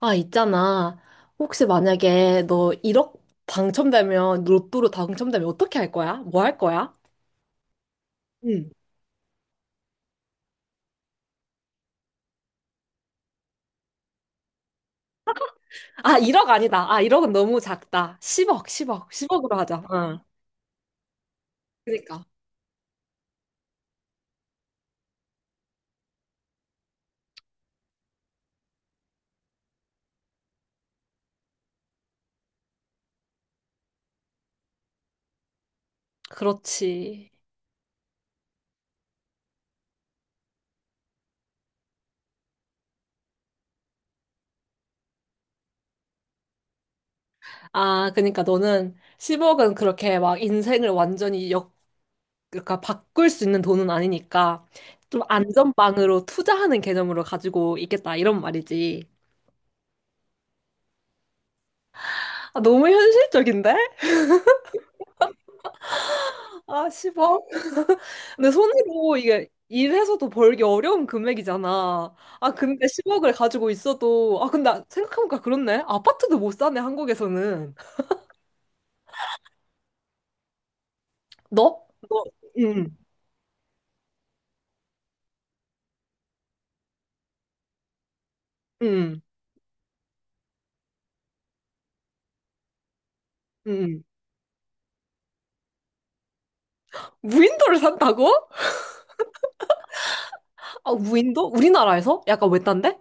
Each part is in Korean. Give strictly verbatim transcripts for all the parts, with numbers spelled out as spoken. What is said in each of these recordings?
아, 있잖아. 혹시 만약에 너 일억 당첨되면, 로또로 당첨되면 어떻게 할 거야? 뭐 할 거야? 응. 아, 일억 아니다. 아, 일억은 너무 작다. 십억, 십억, 십억으로 하자. 응. 그니까. 그렇지. 아, 그니까 러 너는 십억은 그렇게 막 인생을 완전히 역, 그러니까 바꿀 수 있는 돈은 아니니까 좀 안전빵으로 투자하는 개념으로 가지고 있겠다. 이런 말이지. 아, 너무 현실적인데? 아, 십억? 근데 손으로 이게 일해서도 벌기 어려운 금액이잖아. 아, 근데 십억을 가지고 있어도, 아, 근데 생각해보니까 그렇네. 아파트도 못 사네, 한국에서는. 너? 너, 응, 응, 응. 응. 무인도를 산다고? 아, 무인도? 우리나라에서? 약간 외딴데?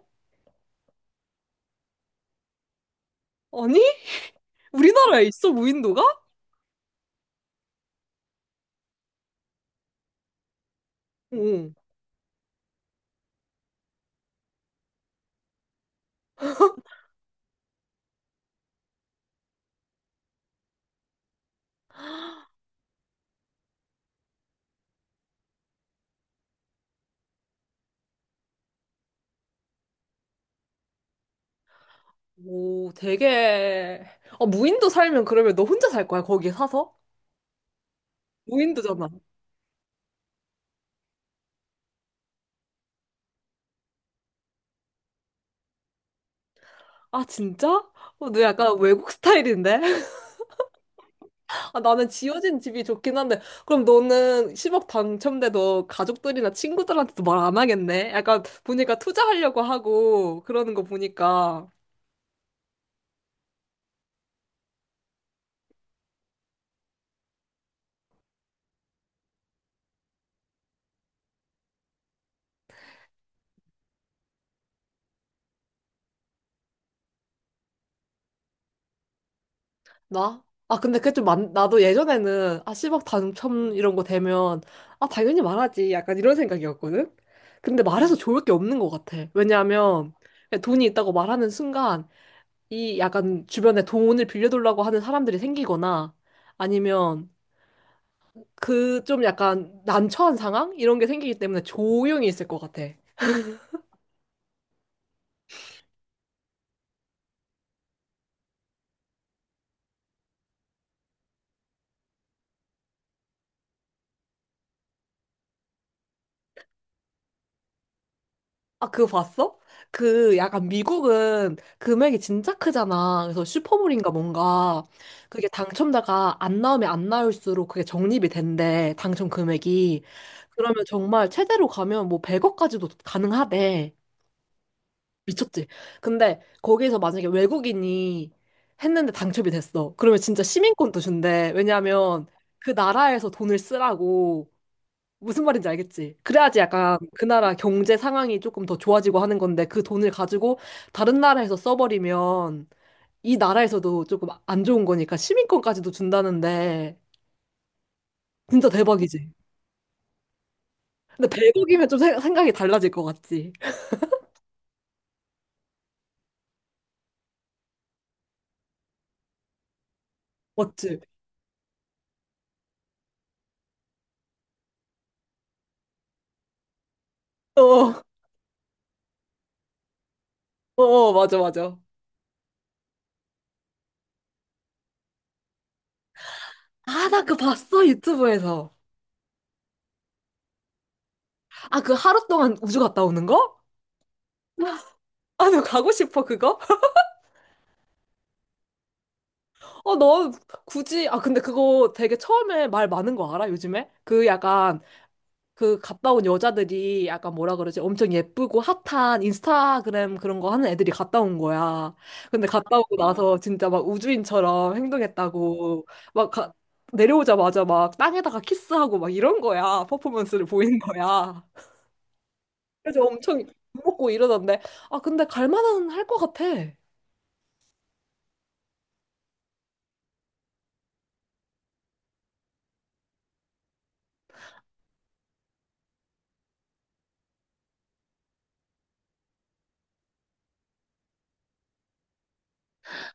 아니? 우리나라에 있어, 무인도가? 응. 오, 되게. 아, 무인도 살면 그러면 너 혼자 살 거야, 거기 사서? 무인도잖아. 아, 진짜? 어, 너 약간 외국 스타일인데? 아, 나는 지어진 집이 좋긴 한데, 그럼 너는 십억 당첨돼도 가족들이나 친구들한테도 말 안 하겠네? 약간 보니까 투자하려고 하고 그러는 거 보니까. 나? 아, 근데 그게 좀 많, 나도 예전에는, 아, 십억 당첨 이런 거 되면, 아, 당연히 말하지. 약간 이런 생각이었거든? 근데 말해서 좋을 게 없는 것 같아. 왜냐하면, 그냥 돈이 있다고 말하는 순간, 이 약간 주변에 돈을 빌려달라고 하는 사람들이 생기거나, 아니면, 그 좀 약간 난처한 상황? 이런 게 생기기 때문에 조용히 있을 것 같아. 아, 그거 봤어? 그 약간 미국은 금액이 진짜 크잖아. 그래서 슈퍼볼인가 뭔가 그게 당첨자가 안 나오면 안 나올수록 그게 적립이 된대. 당첨 금액이. 그러면 정말 최대로 가면 뭐 백억까지도 가능하대. 미쳤지? 근데 거기에서 만약에 외국인이 했는데 당첨이 됐어. 그러면 진짜 시민권도 준대. 왜냐하면 그 나라에서 돈을 쓰라고. 무슨 말인지 알겠지? 그래야지 약간 그 나라 경제 상황이 조금 더 좋아지고 하는 건데 그 돈을 가지고 다른 나라에서 써버리면 이 나라에서도 조금 안 좋은 거니까 시민권까지도 준다는데 진짜 대박이지. 근데 백억이면 좀 생- 생각이 달라질 것 같지. 맞지? 어, 어, 어, 맞아, 맞아. 아, 나 그거 봤어, 유튜브에서. 아, 그 하루 동안 우주 갔다 오는 거? 아, 나 가고 싶어, 그거? 어, 너 굳이, 아, 근데 그거 되게 처음에 말 많은 거 알아, 요즘에? 그 약간 그 갔다 온 여자들이 약간 뭐라 그러지? 엄청 예쁘고 핫한 인스타그램 그런 거 하는 애들이 갔다 온 거야. 근데 갔다 오고 나서 진짜 막 우주인처럼 행동했다고 막 가- 내려오자마자 막 땅에다가 키스하고 막 이런 거야. 퍼포먼스를 보이는 거야. 그래서 엄청 욕 먹고 이러던데. 아, 근데 갈 만은 할 것 같아.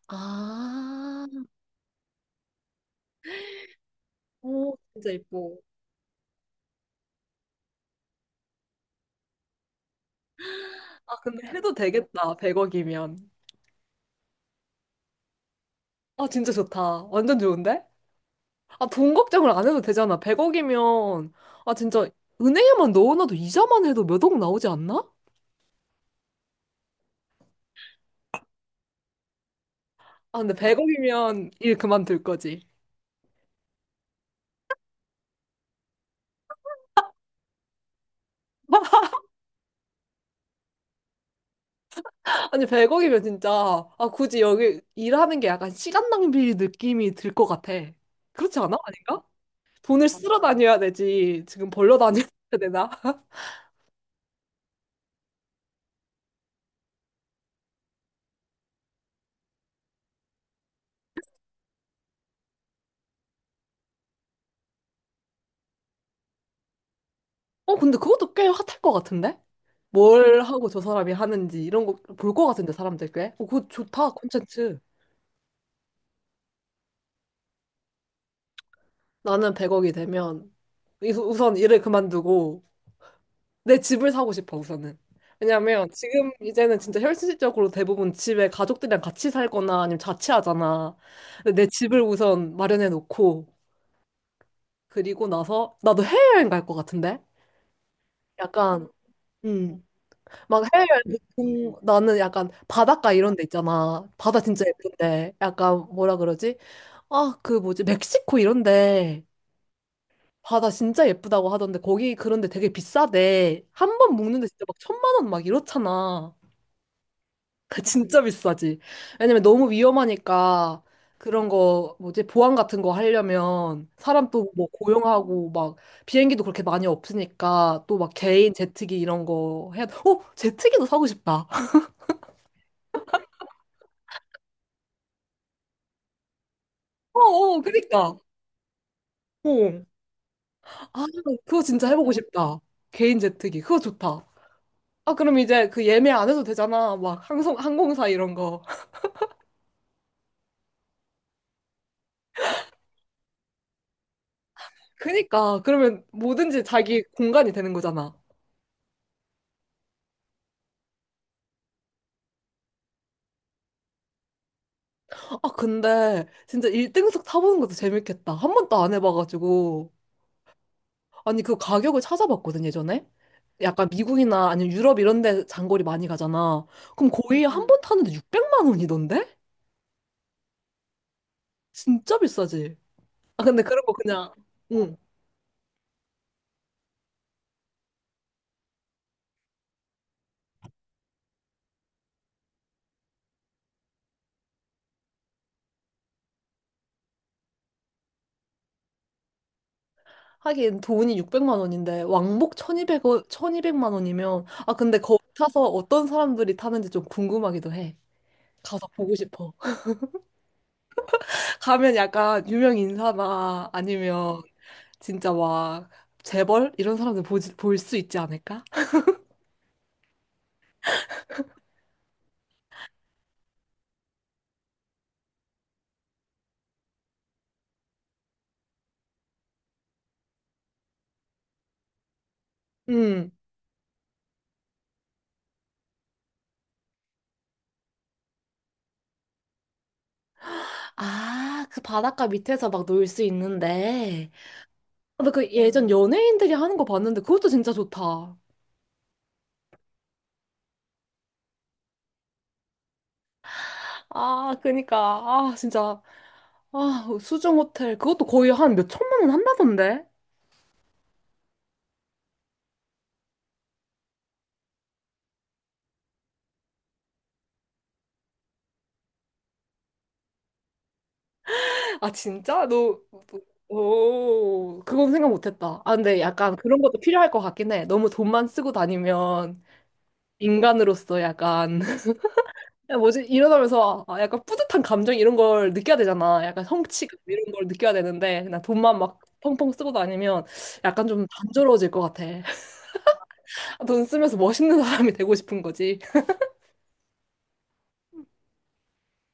아, 오, 진짜 예뻐. 아, 근데 해도 되겠다. 백억이면. 아, 진짜 좋다. 완전 좋은데? 아, 돈 걱정을 안 해도 되잖아. 백억이면, 아, 진짜, 은행에만 넣어놔도 이자만 해도 몇 억 나오지 않나? 아, 근데 백억이면 일 그만둘 거지. 아니, 백억이면 진짜, 아, 굳이 여기 일하는 게 약간 시간 낭비 느낌이 들 것 같아. 그렇지 않아? 아닌가? 돈을 쓸어 다녀야 되지. 지금 벌러 다녀야 되나? 어, 근데 그것도 꽤 핫할 것 같은데? 뭘 하고 저 사람이 하는지 이런 거 볼 것 같은데, 사람들 꽤? 어, 그거 좋다, 콘텐츠. 나는 백억이 되면 이- 우선 일을 그만두고 내 집을 사고 싶어 우선은. 왜냐면 지금 이제는 진짜 현실적으로 대부분 집에 가족들이랑 같이 살거나 아니면 자취하잖아. 근데 내 집을 우선 마련해 놓고 그리고 나서 나도 해외여행 갈 것 같은데? 약간 음. 막 해외여행 보통 나는 약간 바닷가 이런 데 있잖아. 바다 진짜 예쁜데. 약간 뭐라 그러지? 아, 그 뭐지? 멕시코 이런데. 바다 진짜 예쁘다고 하던데 거기 그런데 되게 비싸대. 한 번 묵는데 진짜 막 천만 원 막 이렇잖아. 진짜 비싸지. 왜냐면 너무 위험하니까 그런 거 뭐지 보안 같은 거 하려면 사람 또 뭐 고용하고 막 비행기도 그렇게 많이 없으니까 또 막 개인 제트기 이런 거 해야 돼. 어, 제트기도 사고 싶다. 어, 어, 그니까. 어. 아, 그거 진짜 해보고 싶다. 개인 제트기. 그거 좋다. 아, 그럼 이제 그 예매 안 해도 되잖아. 막 항공, 항공사 이런 거. 그니까 그러면 뭐든지 자기 공간이 되는 거잖아. 아 근데 진짜 일등석 타보는 것도 재밌겠다. 한 번도 안 해봐가지고 아니 그 가격을 찾아봤거든 예전에. 약간 미국이나 아니면 유럽 이런 데 장거리 많이 가잖아. 그럼 거의 한 음. 번 타는데 육백만 원이던데? 진짜 비싸지. 아 근데 그런 거 그냥 응. 하긴 돈이 육백만 원인데 왕복 천이백 천이백만 원이면 아 근데 거기 타서 어떤 사람들이 타는지 좀 궁금하기도 해. 가서 보고 싶어. 가면 약간 유명 인사나 아니면 진짜 막 재벌 이런 사람들 보볼수 있지 않을까? 음. 아, 그 바닷가 밑에서 막 놀 수 있는데. 근데 그 예전 연예인들이 하는 거 봤는데 그것도 진짜 좋다. 아, 그니까. 아, 진짜. 아, 수중 호텔. 그것도 거의 한 몇 천만 원 한다던데? 아, 진짜? 너, 너- 오, 그건 생각 못 했다. 아, 근데 약간 그런 것도 필요할 것 같긴 해. 너무 돈만 쓰고 다니면 인간으로서 약간 야, 뭐지? 이러다면서 아, 약간 뿌듯한 감정 이런 걸 느껴야 되잖아. 약간 성취감 이런 걸 느껴야 되는데 그냥 돈만 막 펑펑 쓰고 다니면 약간 좀 단조로워질 것 같아. 돈 쓰면서 멋있는 사람이 되고 싶은 거지.